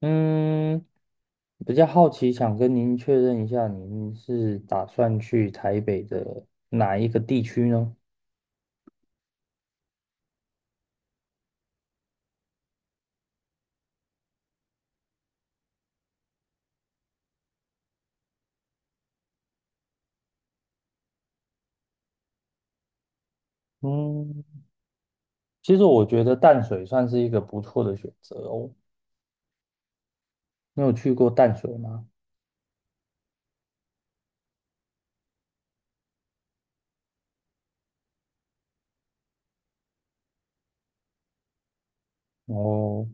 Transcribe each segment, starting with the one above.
嗯，比较好奇，想跟您确认一下，您是打算去台北的哪一个地区呢？嗯，其实我觉得淡水算是一个不错的选择哦。你有去过淡水吗？哦，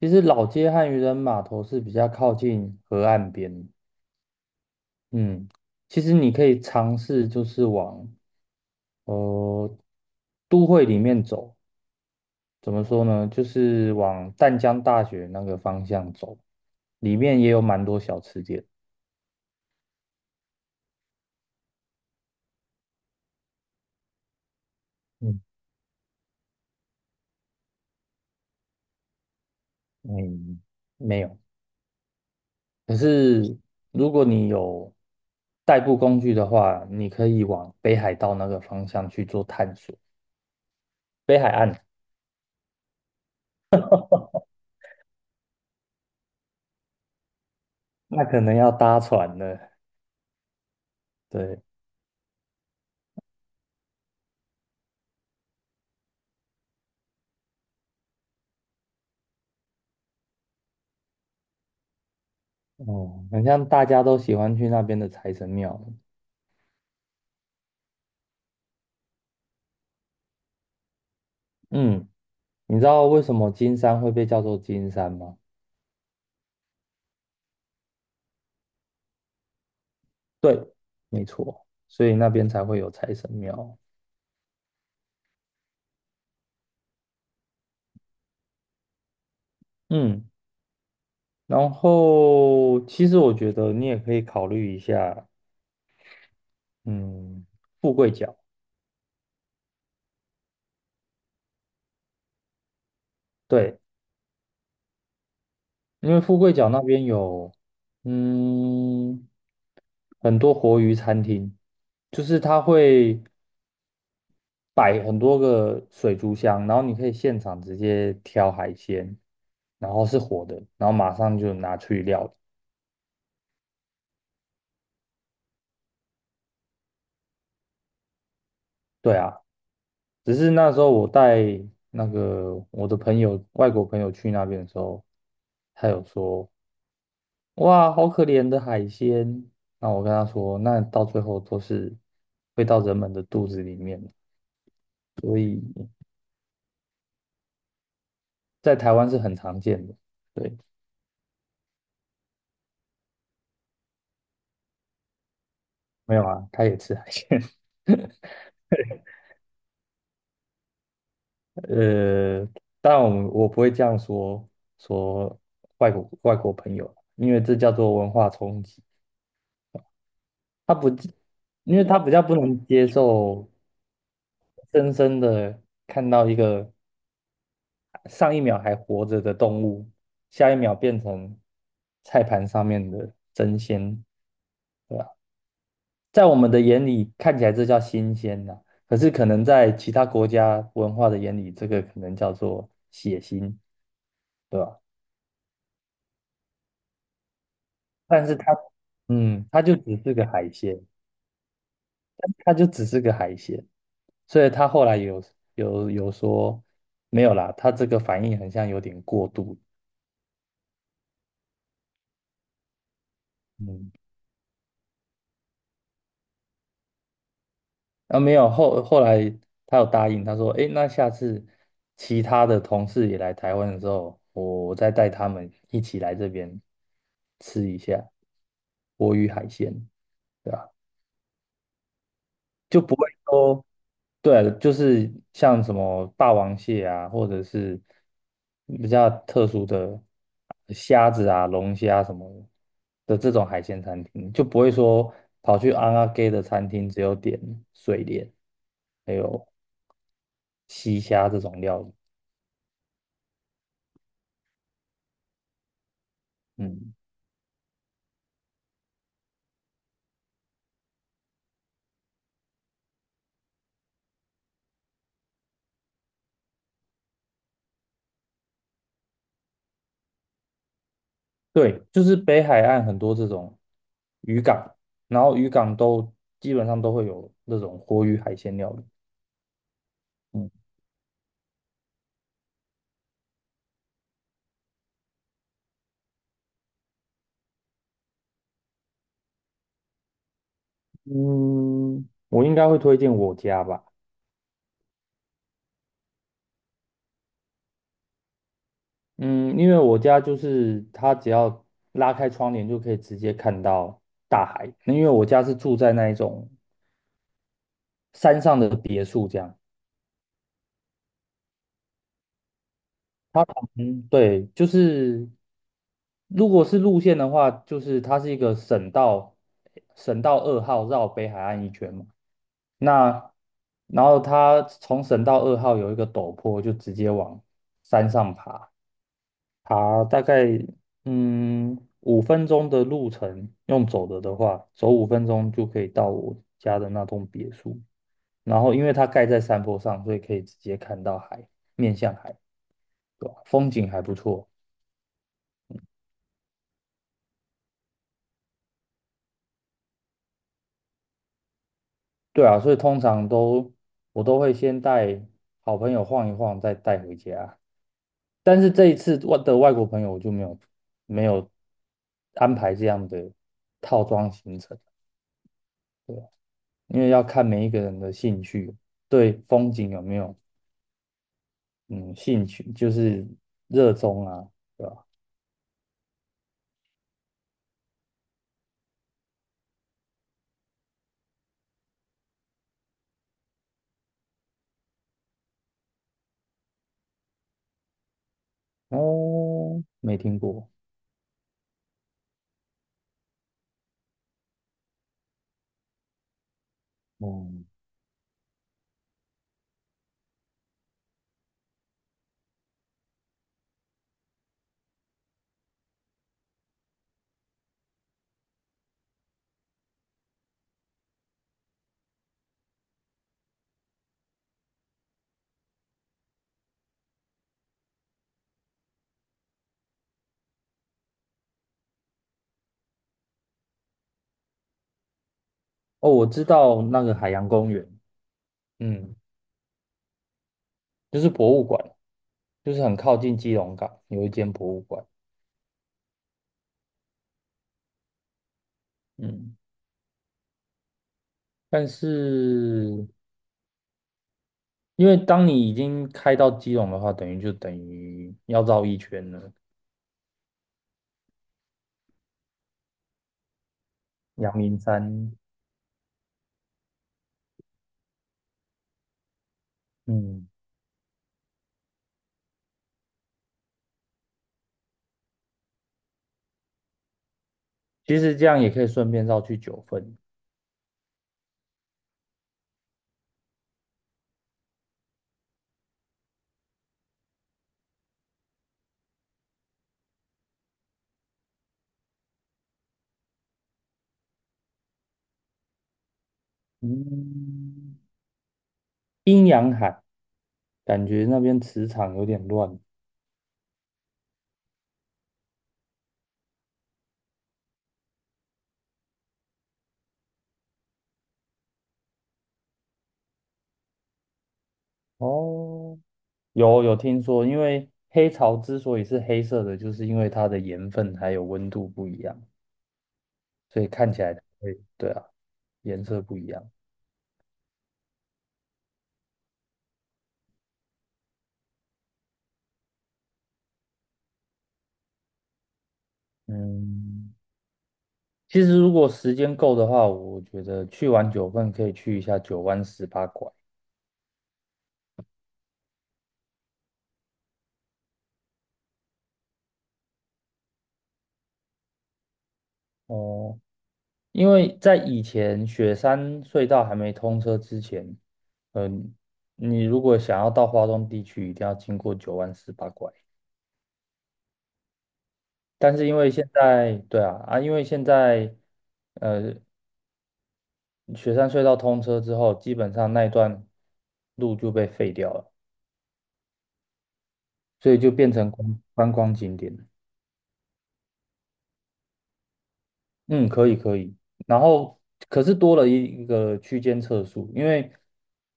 其实老街和渔人码头是比较靠近河岸边。嗯，其实你可以尝试就是往呃都会里面走。怎么说呢？就是往淡江大学那个方向走，里面也有蛮多小吃店。嗯嗯，没有。可是如果你有代步工具的话，你可以往北海道那个方向去做探索。北海岸那可能要搭船了。对，哦，很像大家都喜欢去那边的财神庙。嗯，你知道为什么金山会被叫做金山吗？对，没错，所以那边才会有财神庙。嗯。然后，其实我觉得你也可以考虑一下，嗯，富贵角，对，因为富贵角那边有，嗯，很多活鱼餐厅，就是它会摆很多个水族箱，然后你可以现场直接挑海鲜，然后是活的，然后马上就拿去料理。对啊，只是那时候我带那个我的朋友，外国朋友去那边的时候，他有说。哇，好可怜的海鲜。那我跟他说，那到最后都是会到人们的肚子里面，在台湾是很常见的。对，没有啊，他也吃海鲜。呃，当然我不会这样说外国朋友，因为这叫做文化冲击。他不，因为他比较不能接受深深的看到一个上一秒还活着的动物，下一秒变成菜盘上面的真鲜。对啊，在我们的眼里看起来这叫新鲜呐、可是可能在其他国家文化的眼里，这个可能叫做血腥，对吧？但是它，它就只是个海鲜，它就只是个海鲜，所以他后来有说没有啦，他这个反应很像有点过度，嗯。啊，没有，后来他有答应，他说："诶，那下次其他的同事也来台湾的时候，我再带他们一起来这边吃一下活鱼海鲜，对吧？"就不会说，对，就是像什么霸王蟹啊，或者是比较特殊的虾子啊、龙虾什么的这种海鲜餐厅，就不会说跑去安阿给的餐厅只有点水莲，还有西虾这种料理。嗯，对，就是北海岸很多这种渔港，然后渔港都基本上都会有那种活鱼海鲜料理。嗯嗯，我应该会推荐我家吧。嗯，因为我家就是它只要拉开窗帘就可以直接看到大海。那因为我家是住在那一种山上的别墅，这样。它旁边对，就是如果是路线的话，就是它是一个省道，省道二号绕北海岸一圈嘛。那然后它从省道二号有一个陡坡，就直接往山上爬。爬大概五分钟的路程，用走的的话，走五分钟就可以到我家的那栋别墅。然后因为它盖在山坡上，所以可以直接看到海，面向海，对吧？风景还不错。对啊，所以通常都我都会先带好朋友晃一晃，再带回家。但是这一次外国朋友我就没有安排这样的套装行程。因为要看每一个人的兴趣，对风景有没有嗯兴趣，就是热衷啊，对吧？哦，没听过，哦、哦，我知道那个海洋公园，嗯，就是博物馆，就是很靠近基隆港有一间博物馆，嗯，但是因为当你已经开到基隆的话，等于就等于要绕一圈了，阳明山，嗯，其实这样也可以顺便绕去九份，嗯。阴阳海，感觉那边磁场有点乱。哦，有听说，因为黑潮之所以是黑色的，就是因为它的盐分还有温度不一样，所以看起来它会，对啊，颜色不一样。嗯，其实如果时间够的话，我觉得去完九份可以去一下九弯十八拐。哦，因为在以前雪山隧道还没通车之前，嗯、你如果想要到花东地区，一定要经过九弯十八拐。但是因为现在，对啊，啊，因为现在呃，雪山隧道通车之后，基本上那一段路就被废掉了，所以就变成观光景点了。嗯，可以可以。然后可是多了一个区间测速，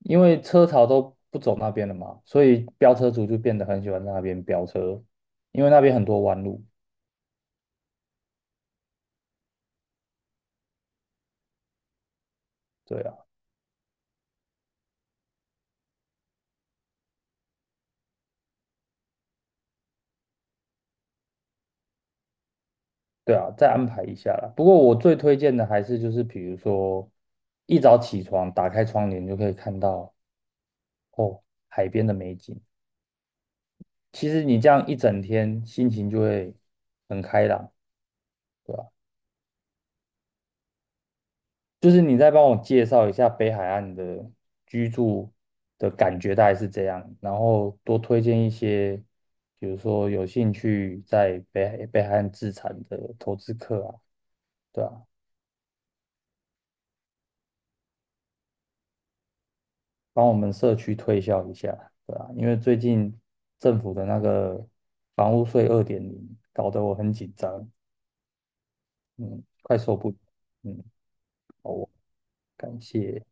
因为车潮都不走那边了嘛，所以飙车族就变得很喜欢在那边飙车，因为那边很多弯路。对啊。对啊，再安排一下啦。不过我最推荐的还是就是，比如说一早起床，打开窗帘就可以看到哦海边的美景。其实你这样一整天，心情就会很开朗，对吧？就是你再帮我介绍一下北海岸的居住的感觉大概是这样，然后多推荐一些，比如说有兴趣在北海岸自产的投资客啊，对吧？帮我们社区推销一下，对啊，因为最近政府的那个房屋税2.0搞得我很紧张，嗯，快受不了，嗯，好，感谢。